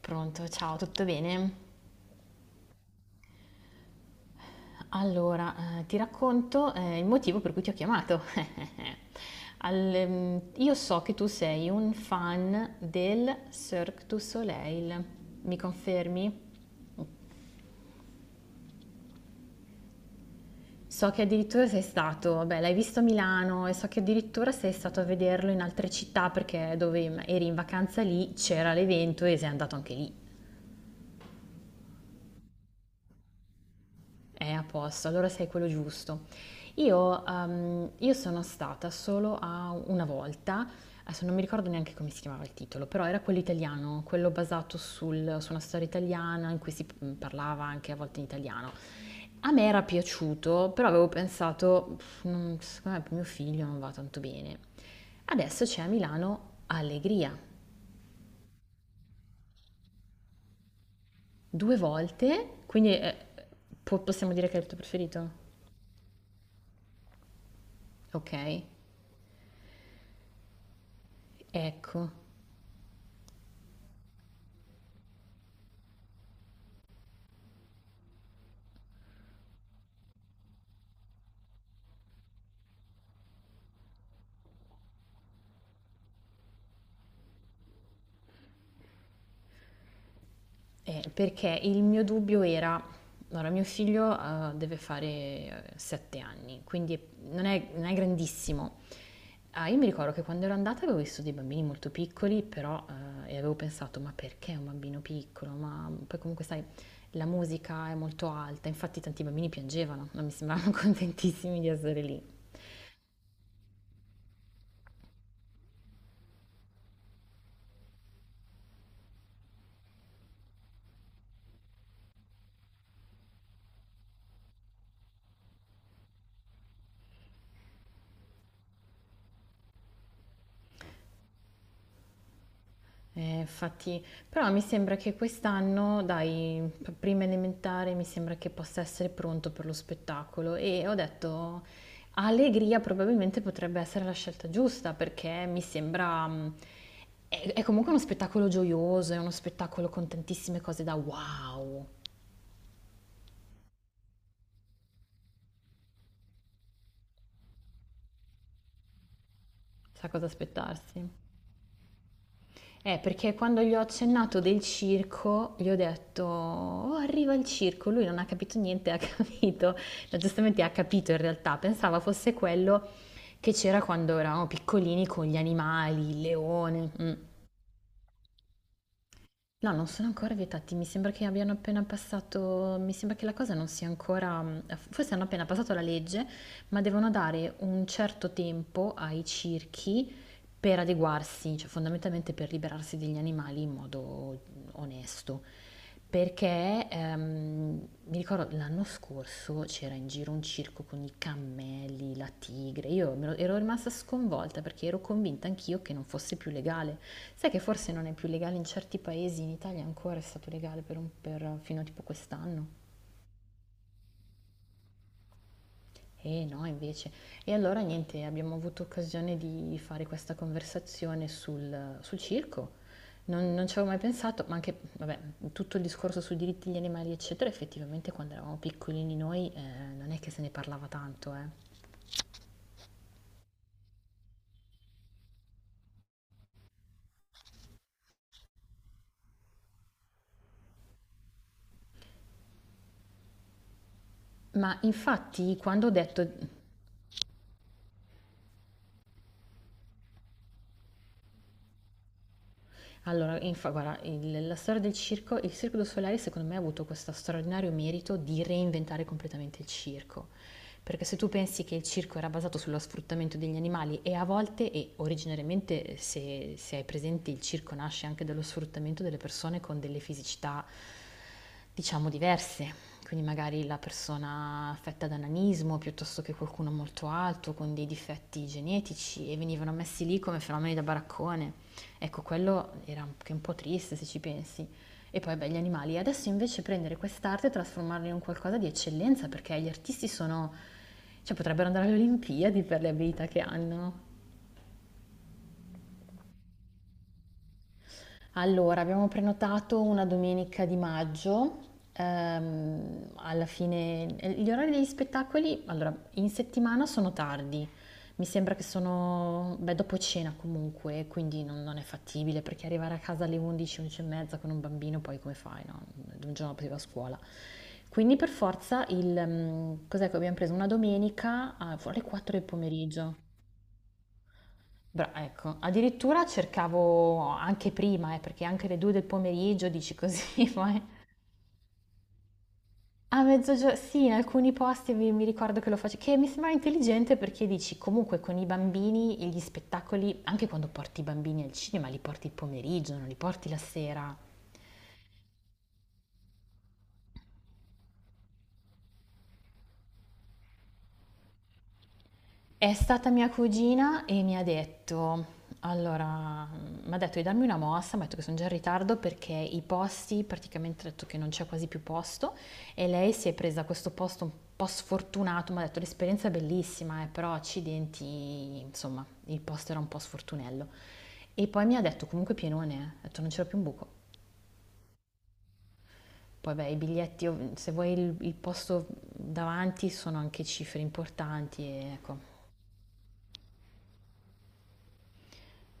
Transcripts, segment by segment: Pronto, ciao, tutto bene? Allora, ti racconto il motivo per cui ti ho chiamato. Io so che tu sei un fan del Cirque du Soleil, mi confermi? So che addirittura sei stato, beh, l'hai visto a Milano e so che addirittura sei stato a vederlo in altre città perché dove eri in vacanza lì c'era l'evento e sei andato anche lì. È a posto, allora sei quello giusto. Io sono stata solo a una volta, adesso non mi ricordo neanche come si chiamava il titolo, però era quello italiano, quello basato su una storia italiana in cui si parlava anche a volte in italiano. A me era piaciuto, però avevo pensato, "Pff, secondo me per mio figlio non va tanto bene." Adesso c'è a Milano Allegria, due volte, quindi possiamo dire che è il tuo preferito? Ok, ecco. Perché il mio dubbio era, allora mio figlio deve fare 7 anni, quindi non è grandissimo. Ah, io mi ricordo che quando ero andata avevo visto dei bambini molto piccoli, però e avevo pensato, ma perché un bambino piccolo? Ma poi comunque sai, la musica è molto alta, infatti tanti bambini piangevano, non mi sembravano contentissimi di essere lì. Infatti, però mi sembra che quest'anno, dai, prima elementare, mi sembra che possa essere pronto per lo spettacolo e ho detto, Allegria probabilmente potrebbe essere la scelta giusta perché mi sembra, è comunque uno spettacolo gioioso, è uno spettacolo con tantissime cose da wow, sa cosa aspettarsi. Perché quando gli ho accennato del circo, gli ho detto, oh, arriva il circo, lui non ha capito niente, ha capito. No, giustamente ha capito in realtà, pensava fosse quello che c'era quando eravamo piccolini con gli animali, il leone. Mm. No, non sono ancora vietati, mi sembra che abbiano appena passato, mi sembra che la cosa non sia ancora, forse hanno appena passato la legge, ma devono dare un certo tempo ai circhi per adeguarsi, cioè fondamentalmente per liberarsi degli animali in modo onesto. Perché mi ricordo l'anno scorso c'era in giro un circo con i cammelli, la tigre. Io ero rimasta sconvolta perché ero convinta anch'io che non fosse più legale. Sai che forse non è più legale in certi paesi, in Italia ancora è stato legale fino a tipo quest'anno. Eh no, invece. E allora niente, abbiamo avuto occasione di fare questa conversazione sul circo. Non ci avevo mai pensato, ma anche, vabbè, tutto il discorso sui diritti degli animali, eccetera, effettivamente quando eravamo piccolini noi non è che se ne parlava tanto, eh. Ma infatti quando ho detto. Allora, infa guarda, il la storia del circo il Cirque du Soleil secondo me ha avuto questo straordinario merito di reinventare completamente il circo. Perché se tu pensi che il circo era basato sullo sfruttamento degli animali e a volte, e originariamente se hai presente il circo nasce anche dallo sfruttamento delle persone con delle fisicità diciamo diverse. Quindi magari la persona affetta da nanismo piuttosto che qualcuno molto alto con dei difetti genetici e venivano messi lì come fenomeni da baraccone. Ecco, quello era anche un po' triste se ci pensi. E poi beh, gli animali. Adesso invece prendere quest'arte e trasformarla in un qualcosa di eccellenza perché gli artisti sono... cioè potrebbero andare alle Olimpiadi per le abilità che hanno. Allora, abbiamo prenotato una domenica di maggio, alla fine gli orari degli spettacoli, allora, in settimana sono tardi, mi sembra che sono, beh, dopo cena comunque, quindi non è fattibile perché arrivare a casa alle 11, 11 e mezza con un bambino, poi come fai, no? Un giorno dopo si va a scuola. Quindi per forza cos'è che abbiamo preso? Una domenica alle 4 del pomeriggio. Bra ecco, addirittura cercavo anche prima, perché anche le 2 del pomeriggio dici così, poi a mezzogio sì, in alcuni posti mi ricordo che lo facevo, che mi sembrava intelligente perché dici comunque con i bambini e gli spettacoli, anche quando porti i bambini al cinema, li porti il pomeriggio, non li porti la sera. È stata mia cugina e mi ha detto, allora, mi ha detto di darmi una mossa, mi ha detto che sono già in ritardo perché i posti, praticamente ha detto che non c'è quasi più posto e lei si è presa questo posto un po' sfortunato, mi ha detto l'esperienza è bellissima, però accidenti, insomma, il posto era un po' sfortunello. E poi mi ha detto comunque pienone, eh. Ha detto non c'era più un buco. Poi beh, i biglietti, se vuoi il posto davanti sono anche cifre importanti e ecco.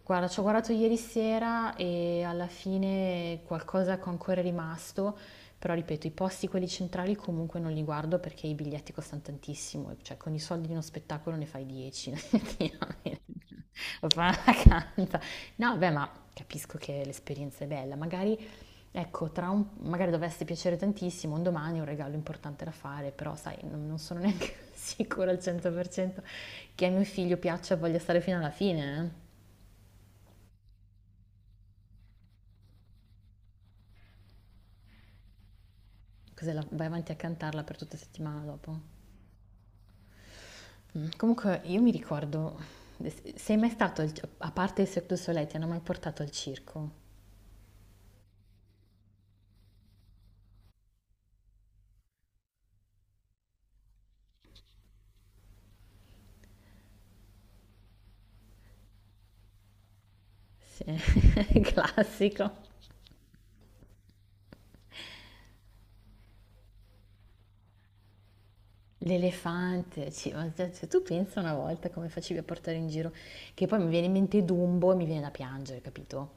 Guarda, ci ho guardato ieri sera e alla fine qualcosa che ancora è rimasto, però ripeto, i posti quelli centrali comunque non li guardo perché i biglietti costano tantissimo, cioè con i soldi di uno spettacolo ne fai 10, lo fa una canta. No, beh, ma capisco che l'esperienza è bella, magari, ecco, magari dovesse piacere tantissimo, un domani è un regalo importante da fare, però sai, non sono neanche sicura al 100% che a mio figlio piaccia e voglia stare fino alla fine, eh. Cos'è vai avanti a cantarla per tutta la settimana dopo? Mm. Comunque io mi ricordo, sei mai stato, a parte il Cirque du Soleil, ti hanno mai portato al circo? Sì, classico. L'elefante, ma se tu pensa una volta come facevi a portare in giro, che poi mi viene in mente Dumbo e mi viene da piangere, capito?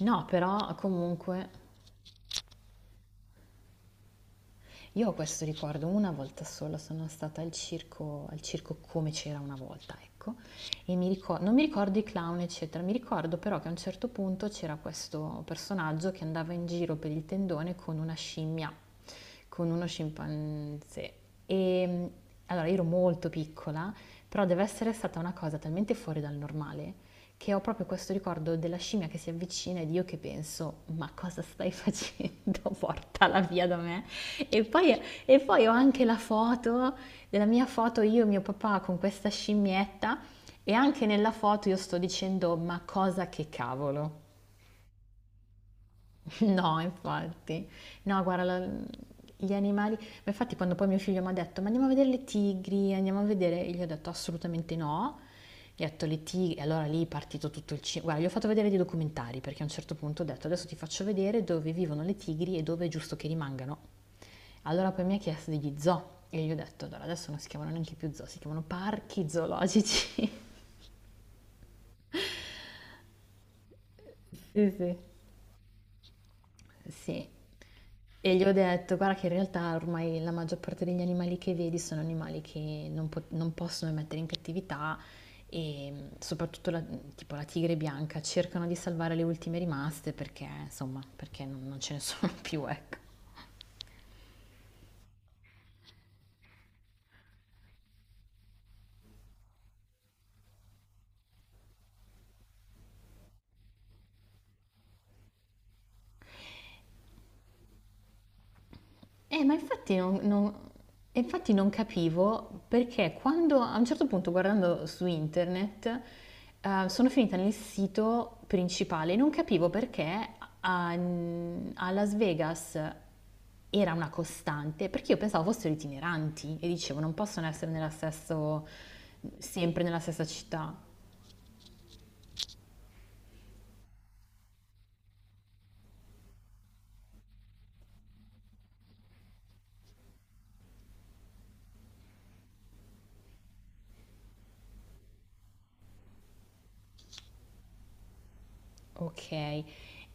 No, però comunque. Io ho questo ricordo una volta sola, sono stata al circo Come c'era una volta, ecco, e mi ricor non mi ricordo i clown, eccetera, mi ricordo però che a un certo punto c'era questo personaggio che andava in giro per il tendone con una scimmia, con uno scimpanzé. E allora io ero molto piccola, però deve essere stata una cosa talmente fuori dal normale che ho proprio questo ricordo della scimmia che si avvicina ed io che penso: "Ma cosa stai facendo? Portala via da me". E poi, ho anche la foto della mia foto io e mio papà con questa scimmietta e anche nella foto io sto dicendo ma cosa che cavolo. No, infatti. No, guarda, gli animali... Ma infatti quando poi mio figlio mi ha detto, ma andiamo a vedere le tigri, andiamo a vedere... Io gli ho detto assolutamente no. Gli ho detto le tigri... E allora lì è partito tutto il cinema. Guarda, gli ho fatto vedere dei documentari, perché a un certo punto ho detto, adesso ti faccio vedere dove vivono le tigri e dove è giusto che rimangano. Allora poi mi ha chiesto degli zoo. E io gli ho detto, allora adesso non si chiamano neanche più zoo, si chiamano parchi zoologici. Sì, sì. Sì, e gli ho detto: "Guarda che in realtà ormai la maggior parte degli animali che vedi sono animali che non possono mettere in cattività e, soprattutto la tipo la tigre bianca cercano di salvare le ultime rimaste perché, insomma, perché non ce ne sono più, ecco". Ma infatti e infatti non capivo perché quando a un certo punto guardando su internet sono finita nel sito principale e non capivo perché a, a Las Vegas era una costante, perché io pensavo fossero itineranti e dicevo non possono essere nella stesso, sempre nella stessa città. Ok, e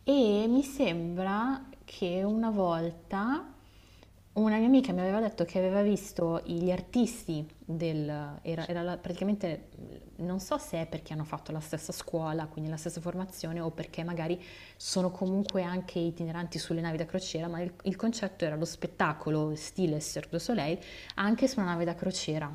mi sembra che una volta una mia amica mi aveva detto che aveva visto gli artisti del... Era, praticamente, non so se è perché hanno fatto la stessa scuola, quindi la stessa formazione, o perché magari sono comunque anche itineranti sulle navi da crociera, ma il concetto era lo spettacolo stile Cirque du Soleil anche su una nave da crociera.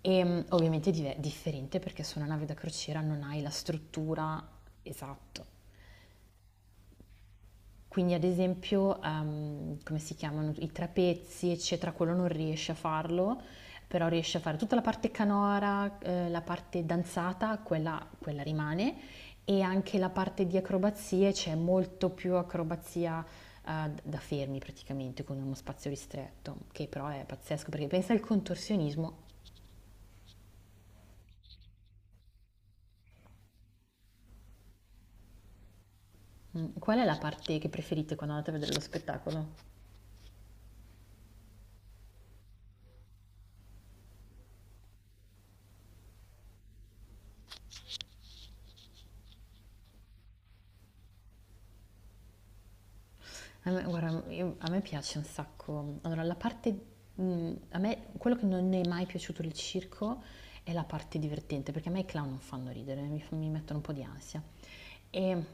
E ovviamente è differente perché su una nave da crociera non hai la struttura esatta. Quindi ad esempio, come si chiamano, i trapezzi, eccetera, quello non riesce a farlo, però riesce a fare tutta la parte canora, la parte danzata, quella rimane, e anche la parte di acrobazie, c'è molto più acrobazia da fermi praticamente, con uno spazio ristretto, che però è pazzesco, perché pensa al contorsionismo. Qual è la parte che preferite quando andate a vedere lo spettacolo? A me, guarda, a me piace un sacco. Allora, la parte, a me, quello che non è mai piaciuto del circo è la parte divertente, perché a me i clown non fanno ridere, mi mettono un po' di ansia. E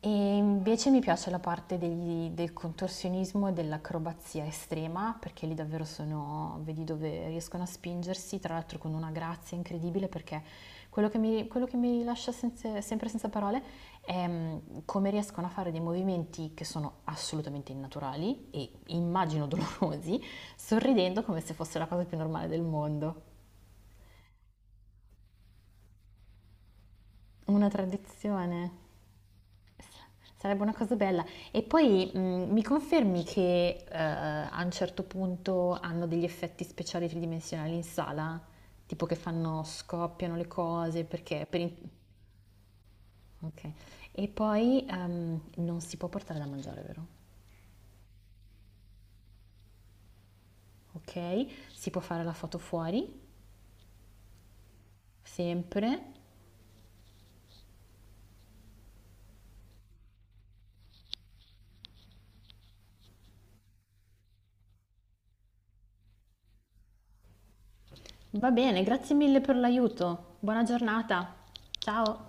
E invece mi piace la parte del contorsionismo e dell'acrobazia estrema, perché lì davvero sono, vedi dove riescono a spingersi, tra l'altro con una grazia incredibile, perché quello che mi lascia sempre senza parole è come riescono a fare dei movimenti che sono assolutamente innaturali e immagino dolorosi, sorridendo come se fosse la cosa più normale del mondo. Una tradizione. Sarebbe una cosa bella. E poi, mi confermi che, a un certo punto hanno degli effetti speciali tridimensionali in sala? Tipo che fanno scoppiano le cose perché per in. Okay. E poi, non si può portare da mangiare, vero? Okay, si può fare la foto fuori, sempre. Va bene, grazie mille per l'aiuto. Buona giornata. Ciao.